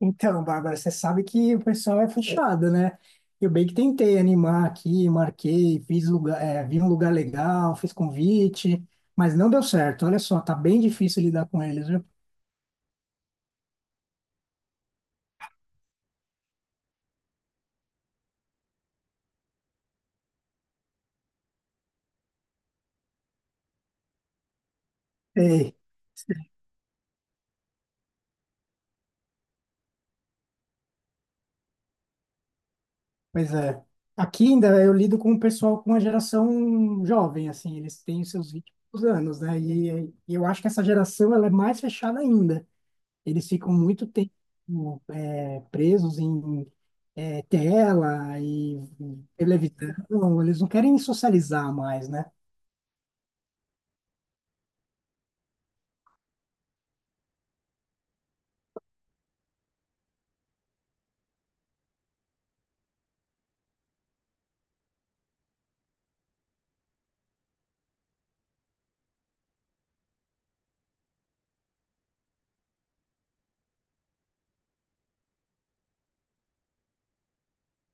Então, Bárbara, você sabe que o pessoal é fechado, né? Eu bem que tentei animar aqui, marquei, fiz lugar, vi um lugar legal, fiz convite, mas não deu certo. Olha só, tá bem difícil lidar com eles, viu? Ei, pois é. Aqui ainda eu lido com o pessoal com a geração jovem, assim, eles têm os seus 20 e poucos anos, né? E eu acho que essa geração ela é mais fechada ainda. Eles ficam muito tempo presos em tela e televisão. Eles não querem socializar mais, né?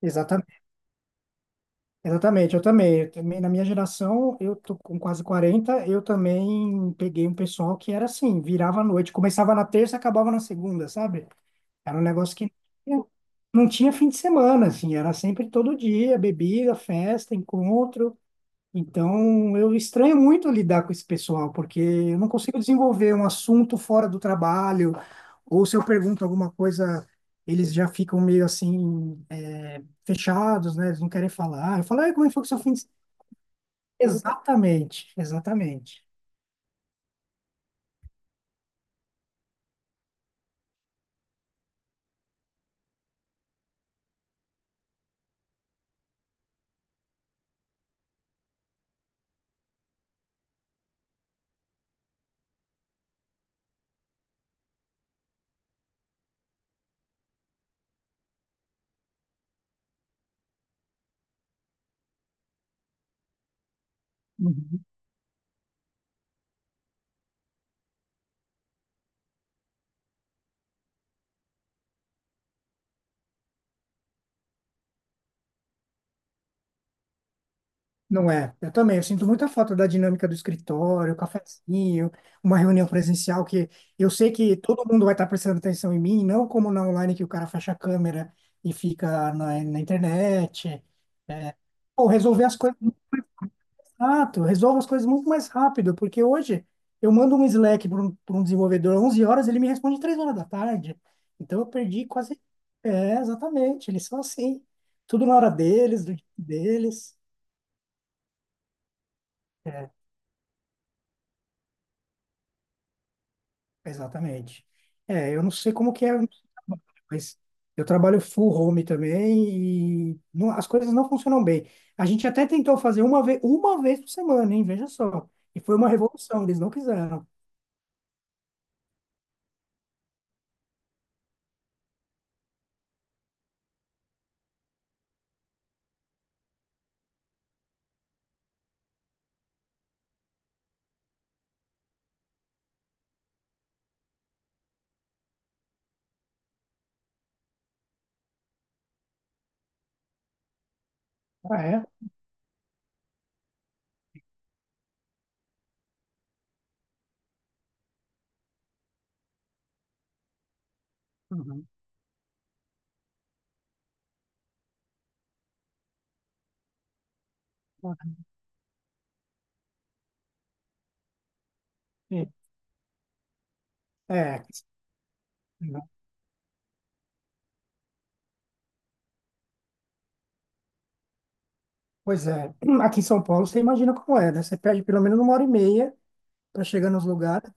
Exatamente, exatamente, eu também, na minha geração, eu tô com quase 40. Eu também peguei um pessoal que era assim, virava à noite, começava na terça, acabava na segunda, sabe? Era um negócio que não tinha não tinha fim de semana, assim, era sempre todo dia, bebida, festa, encontro. Então, eu estranho muito lidar com esse pessoal, porque eu não consigo desenvolver um assunto fora do trabalho, ou se eu pergunto alguma coisa, eles já ficam meio assim, fechados, né? Eles não querem falar. Eu falo, "Ai, como é foi que seu fim de semana?" Exatamente, exatamente. Uhum. Não é, eu também, eu sinto muita falta da dinâmica do escritório, o cafezinho, uma reunião presencial que eu sei que todo mundo vai estar prestando atenção em mim, não como na online que o cara fecha a câmera e fica na internet. É, pô, resolver as coisas muito rápido, resolvo as coisas muito mais rápido, porque hoje eu mando um Slack pra um desenvolvedor às 11 horas, ele me responde 3 horas da tarde. Então eu perdi quase. É, exatamente, eles são assim, tudo na hora deles, do jeito deles. É. Exatamente. É, eu não sei como que é, mas eu trabalho full home também e as coisas não funcionam bem. A gente até tentou fazer uma vez por semana, hein? Veja só. E foi uma revolução, eles não quiseram. Ah, é? Uhum. Sim. É. Pois é. Aqui em São Paulo, você imagina como é, né? Você perde pelo menos uma hora e meia para chegar nos lugares.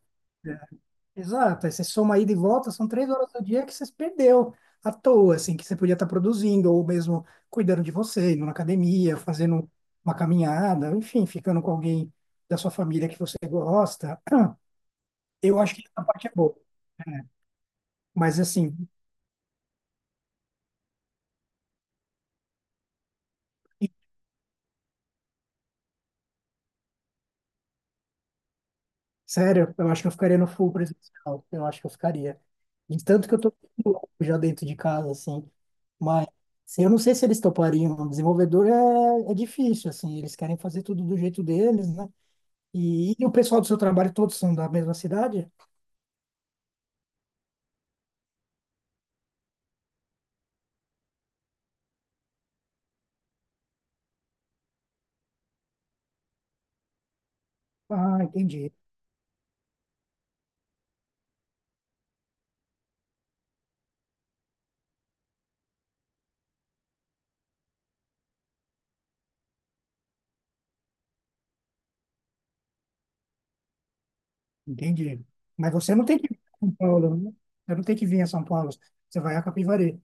Exato, aí você soma ida e volta, são 3 horas do dia que você perdeu à toa, assim, que você podia estar produzindo, ou mesmo cuidando de você, indo na academia, fazendo uma caminhada, enfim, ficando com alguém da sua família que você gosta. Eu acho que essa parte é boa, né? Mas, assim, sério, eu acho que eu ficaria no full presencial, eu acho que eu ficaria. De tanto que eu tô louco já dentro de casa, assim, mas eu não sei se eles topariam, o desenvolvedor é difícil, assim, eles querem fazer tudo do jeito deles, né? E o pessoal do seu trabalho todos são da mesma cidade? Ah, entendi, entendi. Mas você não tem que vir a São Paulo, né? Você não tem que vir a São Paulo. Você vai a Capivari.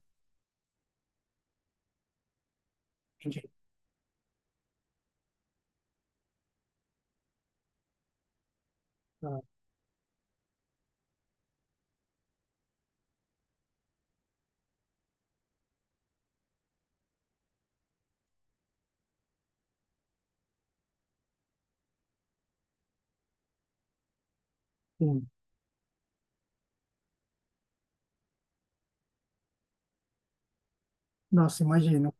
Entendi. Ah, sim. Nossa, imagino.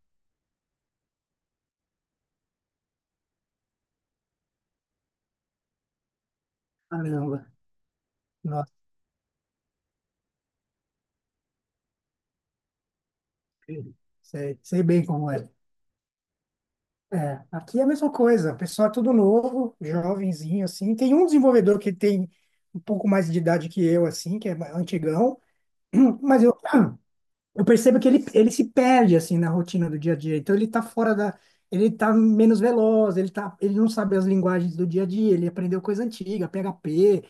Caramba. Nossa, sei, sei bem como é. É, aqui é a mesma coisa. O pessoal é tudo novo, jovenzinho, assim. Tem um desenvolvedor que tem um pouco mais de idade que eu, assim, que é antigão. Mas eu percebo que ele se perde assim na rotina do dia a dia. Então ele tá menos veloz, ele não sabe as linguagens do dia a dia, ele aprendeu coisa antiga, PHP,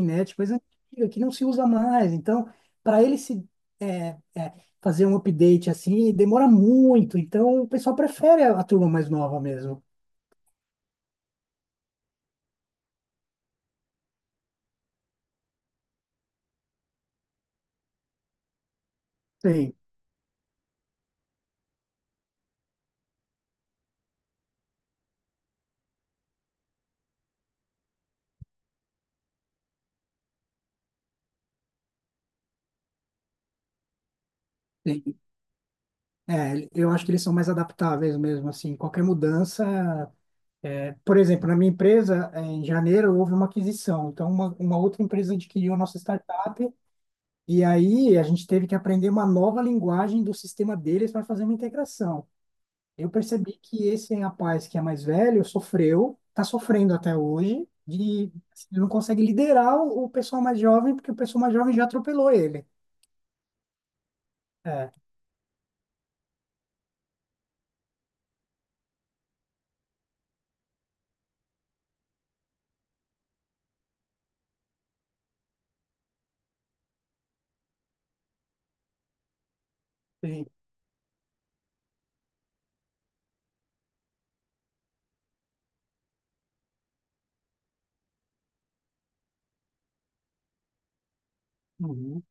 .NET, coisa antiga que não se usa mais. Então, para ele se é, é, fazer um update assim, demora muito. Então o pessoal prefere a turma mais nova mesmo. Sim, sim. É, eu acho que eles são mais adaptáveis mesmo, assim, qualquer mudança. É, por exemplo, na minha empresa, em janeiro, houve uma aquisição. Então, uma outra empresa adquiriu a nossa startup e aí a gente teve que aprender uma nova linguagem do sistema deles para fazer uma integração. Eu percebi que esse rapaz que é mais velho sofreu, está sofrendo até hoje, de assim, ele não consegue liderar o pessoal mais jovem, porque o pessoal mais jovem já atropelou ele. É, sim. Uhum.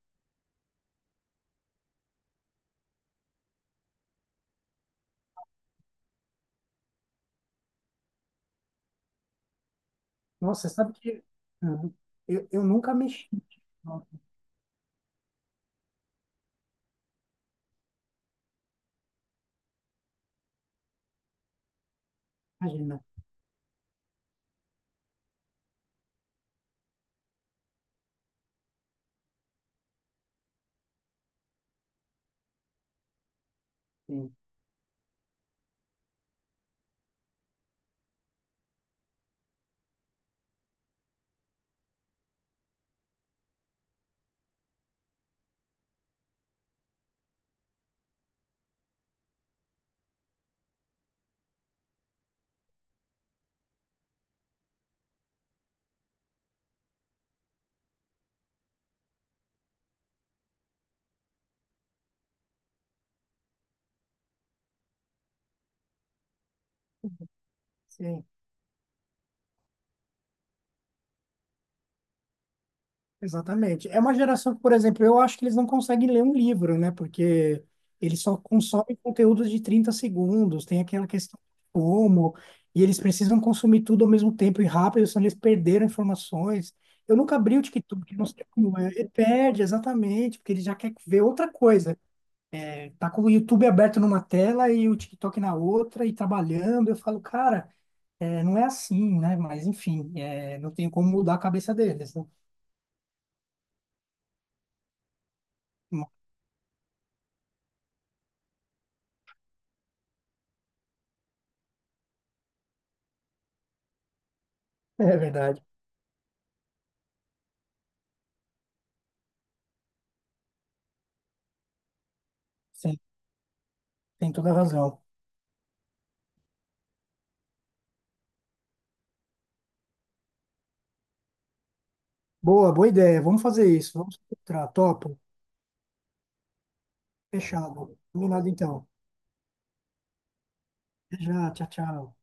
Nossa, sabe que uhum. Eu nunca mexi. Nossa, imagina. Sim. Sim. Exatamente. É uma geração que, por exemplo, eu acho que eles não conseguem ler um livro, né? Porque eles só consomem conteúdos de 30 segundos, tem aquela questão de como, e eles precisam consumir tudo ao mesmo tempo e rápido, senão eles perderam informações. Eu nunca abri o TikTok, não sei como é. Ele perde, exatamente, porque ele já quer ver outra coisa. Tá com o YouTube aberto numa tela e o TikTok na outra, e trabalhando. Eu falo, cara, não é assim, né? Mas, enfim, não tem como mudar a cabeça deles, né? É verdade. Sim. Tem toda a razão. Boa, boa ideia. Vamos fazer isso. Vamos encontrar. Topo. Fechado. Combinado então. Até já. Tchau, tchau.